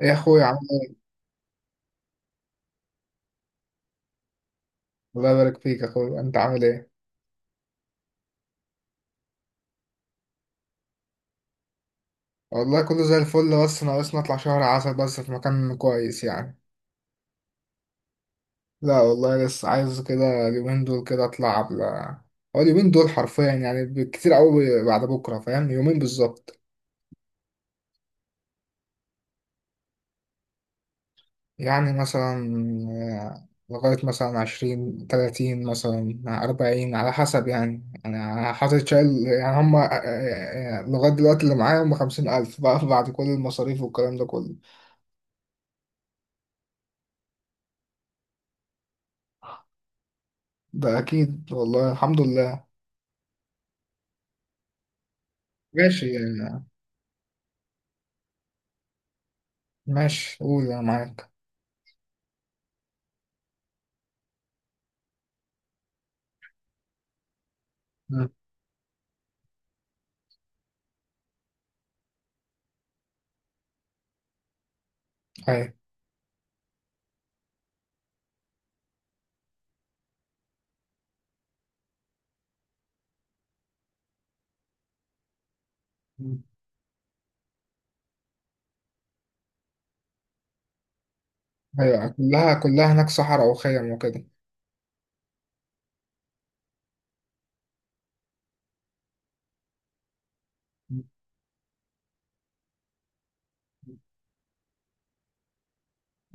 ايه يا اخويا، عامل ايه؟ الله يبارك فيك يا اخويا، انت عامل ايه؟ والله كله زي الفل، بس ناقصنا اطلع شهر عسل، بس في مكان كويس يعني. لا والله، لسه عايز كده اليومين دول كده اطلع قبل. هو اليومين دول حرفيا، يعني بالكتير قوي بعد بكره، فاهم؟ يومين بالظبط. يعني مثلا. لغايه مثلا 20، 30، مثلا 40، على حسب يعني، أنا حاطط شايل يعني هما، لغاية دلوقتي اللي معايا هما 50 ألف بقى بعد كل المصاريف والكلام ده كله. ده أكيد والله، الحمد لله. ماشي يعني. ماشي قول، أنا معاك. مم. أيوة. مم. أيوة، كلها كلها هناك صحراء وخيم وكده. مم.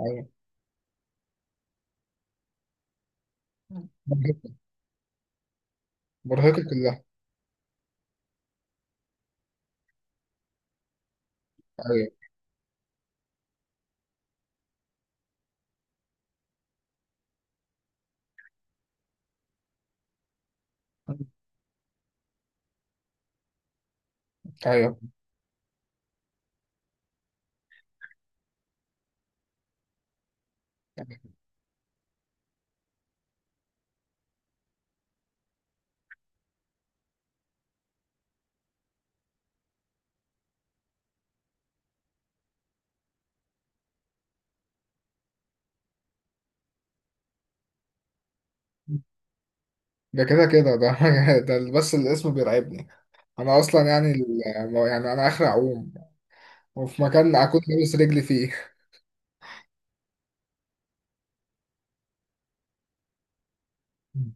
أيوة. مرهقة. مرهقة كلها. أيوة. أيوة. ده كده كده ده. ده بس الاسم بيرعبني. أنا أصلا يعني يعني أنا آخر أعوم. وفي مكان أكون لابس رجلي فيه. مم.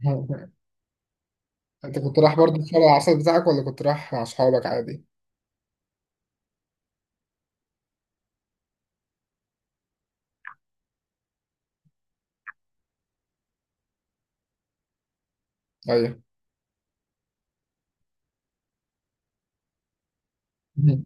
أنت كنت رايح برضه في شارع العسل بتاعك، ولا كنت رايح مع أصحابك عادي؟ أيوة. مم.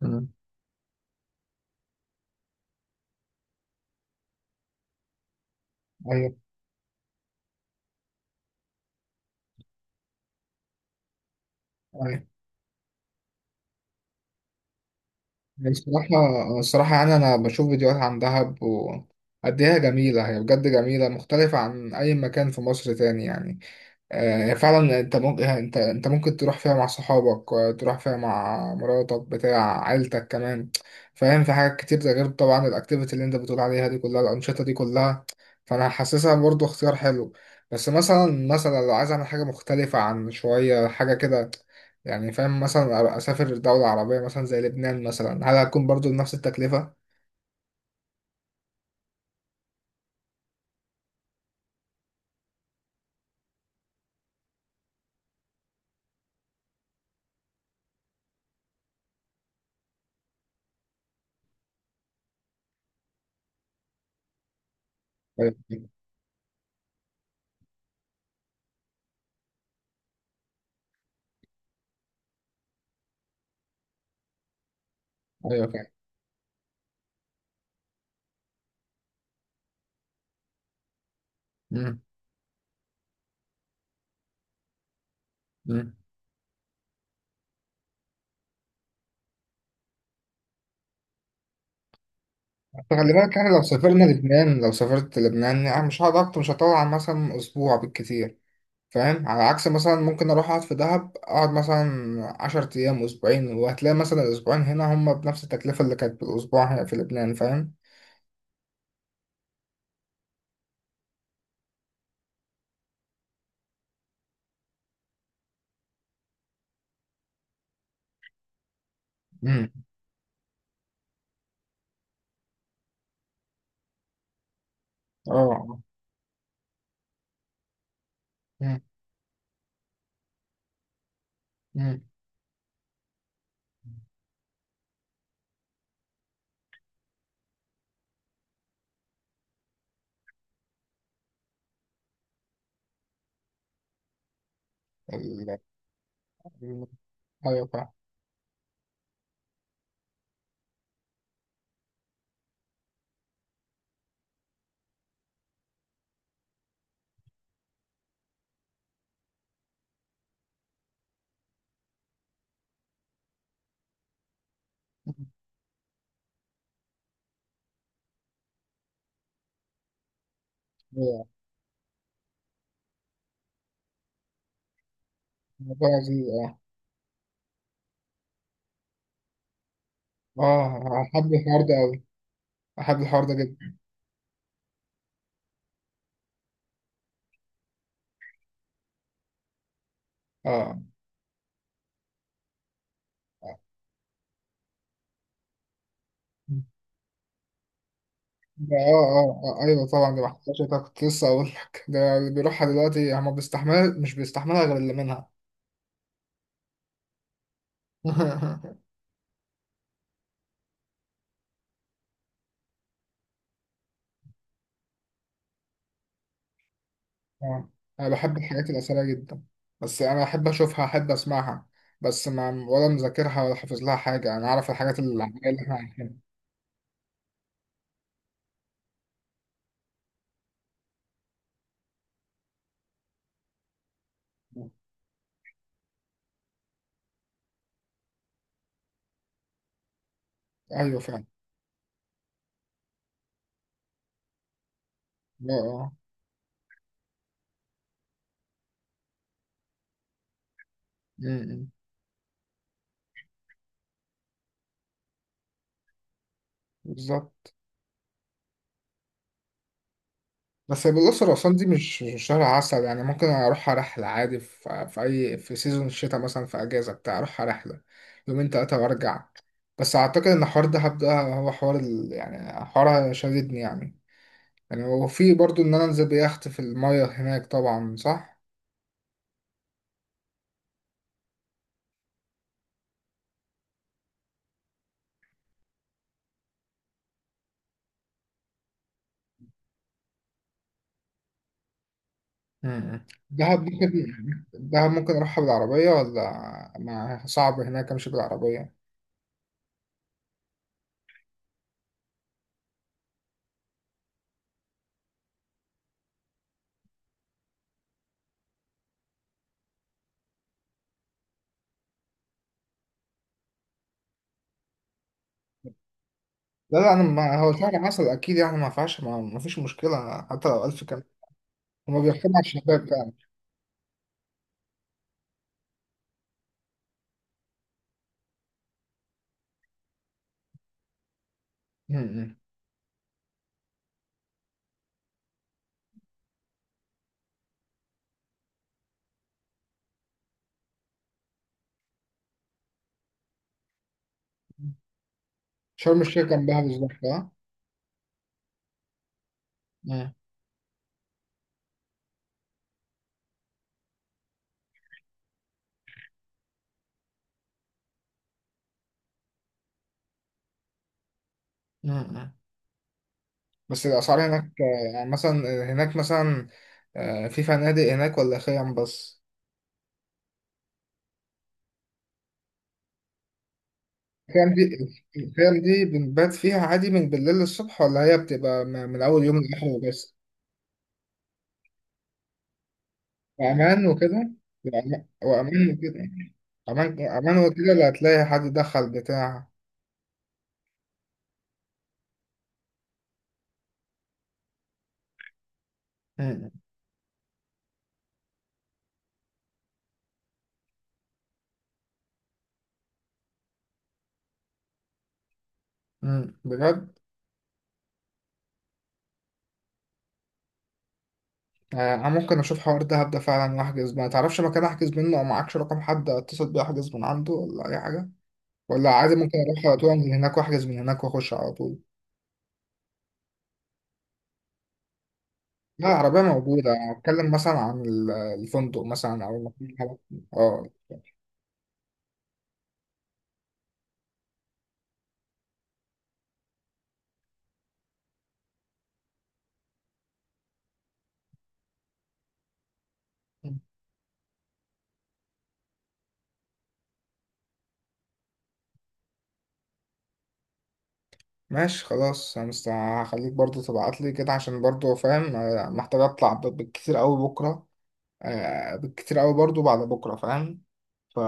مم. أيوة. الصراحة. الصراحة يعني أنا بشوف فيديوهات عن دهب وقد إيه هي جميلة، هي بجد جميلة مختلفة عن أي مكان في مصر تاني يعني. فعلا، انت ممكن تروح فيها مع صحابك، وتروح فيها مع مراتك بتاع عيلتك كمان. فاهم؟ في حاجات كتير، ده غير طبعا الاكتيفيتي اللي انت بتقول عليها دي كلها، الانشطه دي كلها. فانا حاسسها برضو اختيار حلو. بس مثلا لو عايز اعمل حاجه مختلفه عن شويه، حاجه كده. يعني فاهم؟ مثلا اسافر دوله عربيه، مثلا زي لبنان، مثلا هل هتكون برضو نفس التكلفه؟ ايوه. ايوه فاهم. مم. مم. خلي بالك يعني، لو سافرنا لبنان، لو سافرت لبنان يعني مش هقعد أكتر، مش هطول عن مثلا أسبوع بالكتير. فاهم؟ على عكس مثلا ممكن أروح أقعد في دهب، أقعد مثلا 10 أيام، أسبوعين، وهتلاقي مثلا الأسبوعين هنا هما بنفس التكلفة اللي كانت بالأسبوع هنا في لبنان، فاهم؟ امم. اه. امم. امم. ال- ال- ايوه فاهم. أيوة. الموضوع لذيذ، اه. اه. احب الحوار ده أوي. احب الحوار ده جدا. اه. ده ايوه طبعا، دي محتاجة، ده كنت لسه اقول لك، ده اللي بيروحها دلوقتي هما بيستحمل، مش بيستحملها غير اللي منها. آه، انا بحب الحاجات الاثريه جدا. بس انا احب اشوفها، احب اسمعها. بس ما ولا مذاكرها ولا حافظ لها حاجه، انا عارف الحاجات العاميه اللي احنا عارفينها. ايوه فعلا. اه. اه. أمم. بالظبط. بس بالأقصر وأسوان دي مش شهر عسل، يعني ممكن أروحها رحلة عادي في سيزون الشتاء، مثلا في أجازة بتاع أروحها رحلة. يومين تلاتة وأرجع. بس أعتقد إن حوار دهب ده هو حوار يعني حوار شددني يعني. يعني وفي برضو إن أنا أنزل بيخت في المية هناك، طبعا صح؟ مم. دهب ممكن أروحها بالعربية ولا ما صعب هناك أمشي بالعربية؟ لا، لا، أنا ما هو شهر عسل أكيد يعني، ما فيهاش، ما فيش مشكلة حتى لو ألف كلمة. هما بيحكموا على الشباب. مم. شرم الشيخ جنبها بالظبط، اه. مم. مم. بس الأسعار هناك، يعني مثلا. هناك مثلا، في فنادق هناك ولا خيام بس؟ الخيام دي الخيام دي بنبات فيها عادي من بالليل للصبح، ولا هي بتبقى من أول يوم لآخره بس؟ وأمان وكده. وأمان وكده. أمان أمان وكده، اللي هتلاقي حد دخل بتاع. مم. مم. بجد؟ انا ممكن اشوف حوار دهب ده، هبدأ فعلا واحجز، ما تعرفش مكان احجز منه او معكش رقم حد اتصل بيه احجز من عنده، ولا اي حاجه. ولا عادي ممكن اروح على طول من هناك، واحجز من هناك، واخش على طول. لا، العربيه موجوده، أنا اتكلم مثلا عن الفندق مثلا او المكان. اه. ماشي خلاص، انا هخليك برضو تبعت لي كده، عشان برضو فاهم، محتاج اطلع بالكتير قوي بكره. بالكتير قوي برضو بعد بكره، فاهم. ف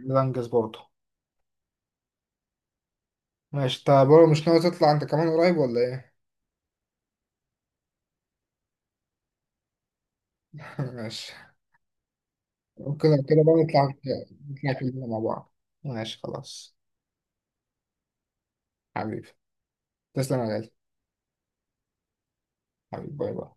ده انجز برضو. ماشي، انت برضو مش ناوي تطلع انت كمان قريب ولا ايه؟ ماشي. وكده كده بقى نطلع. نطلع كلنا مع بعض. ماشي خلاص. حبيبي. تسلم يا غالي. حبيبي، باي باي.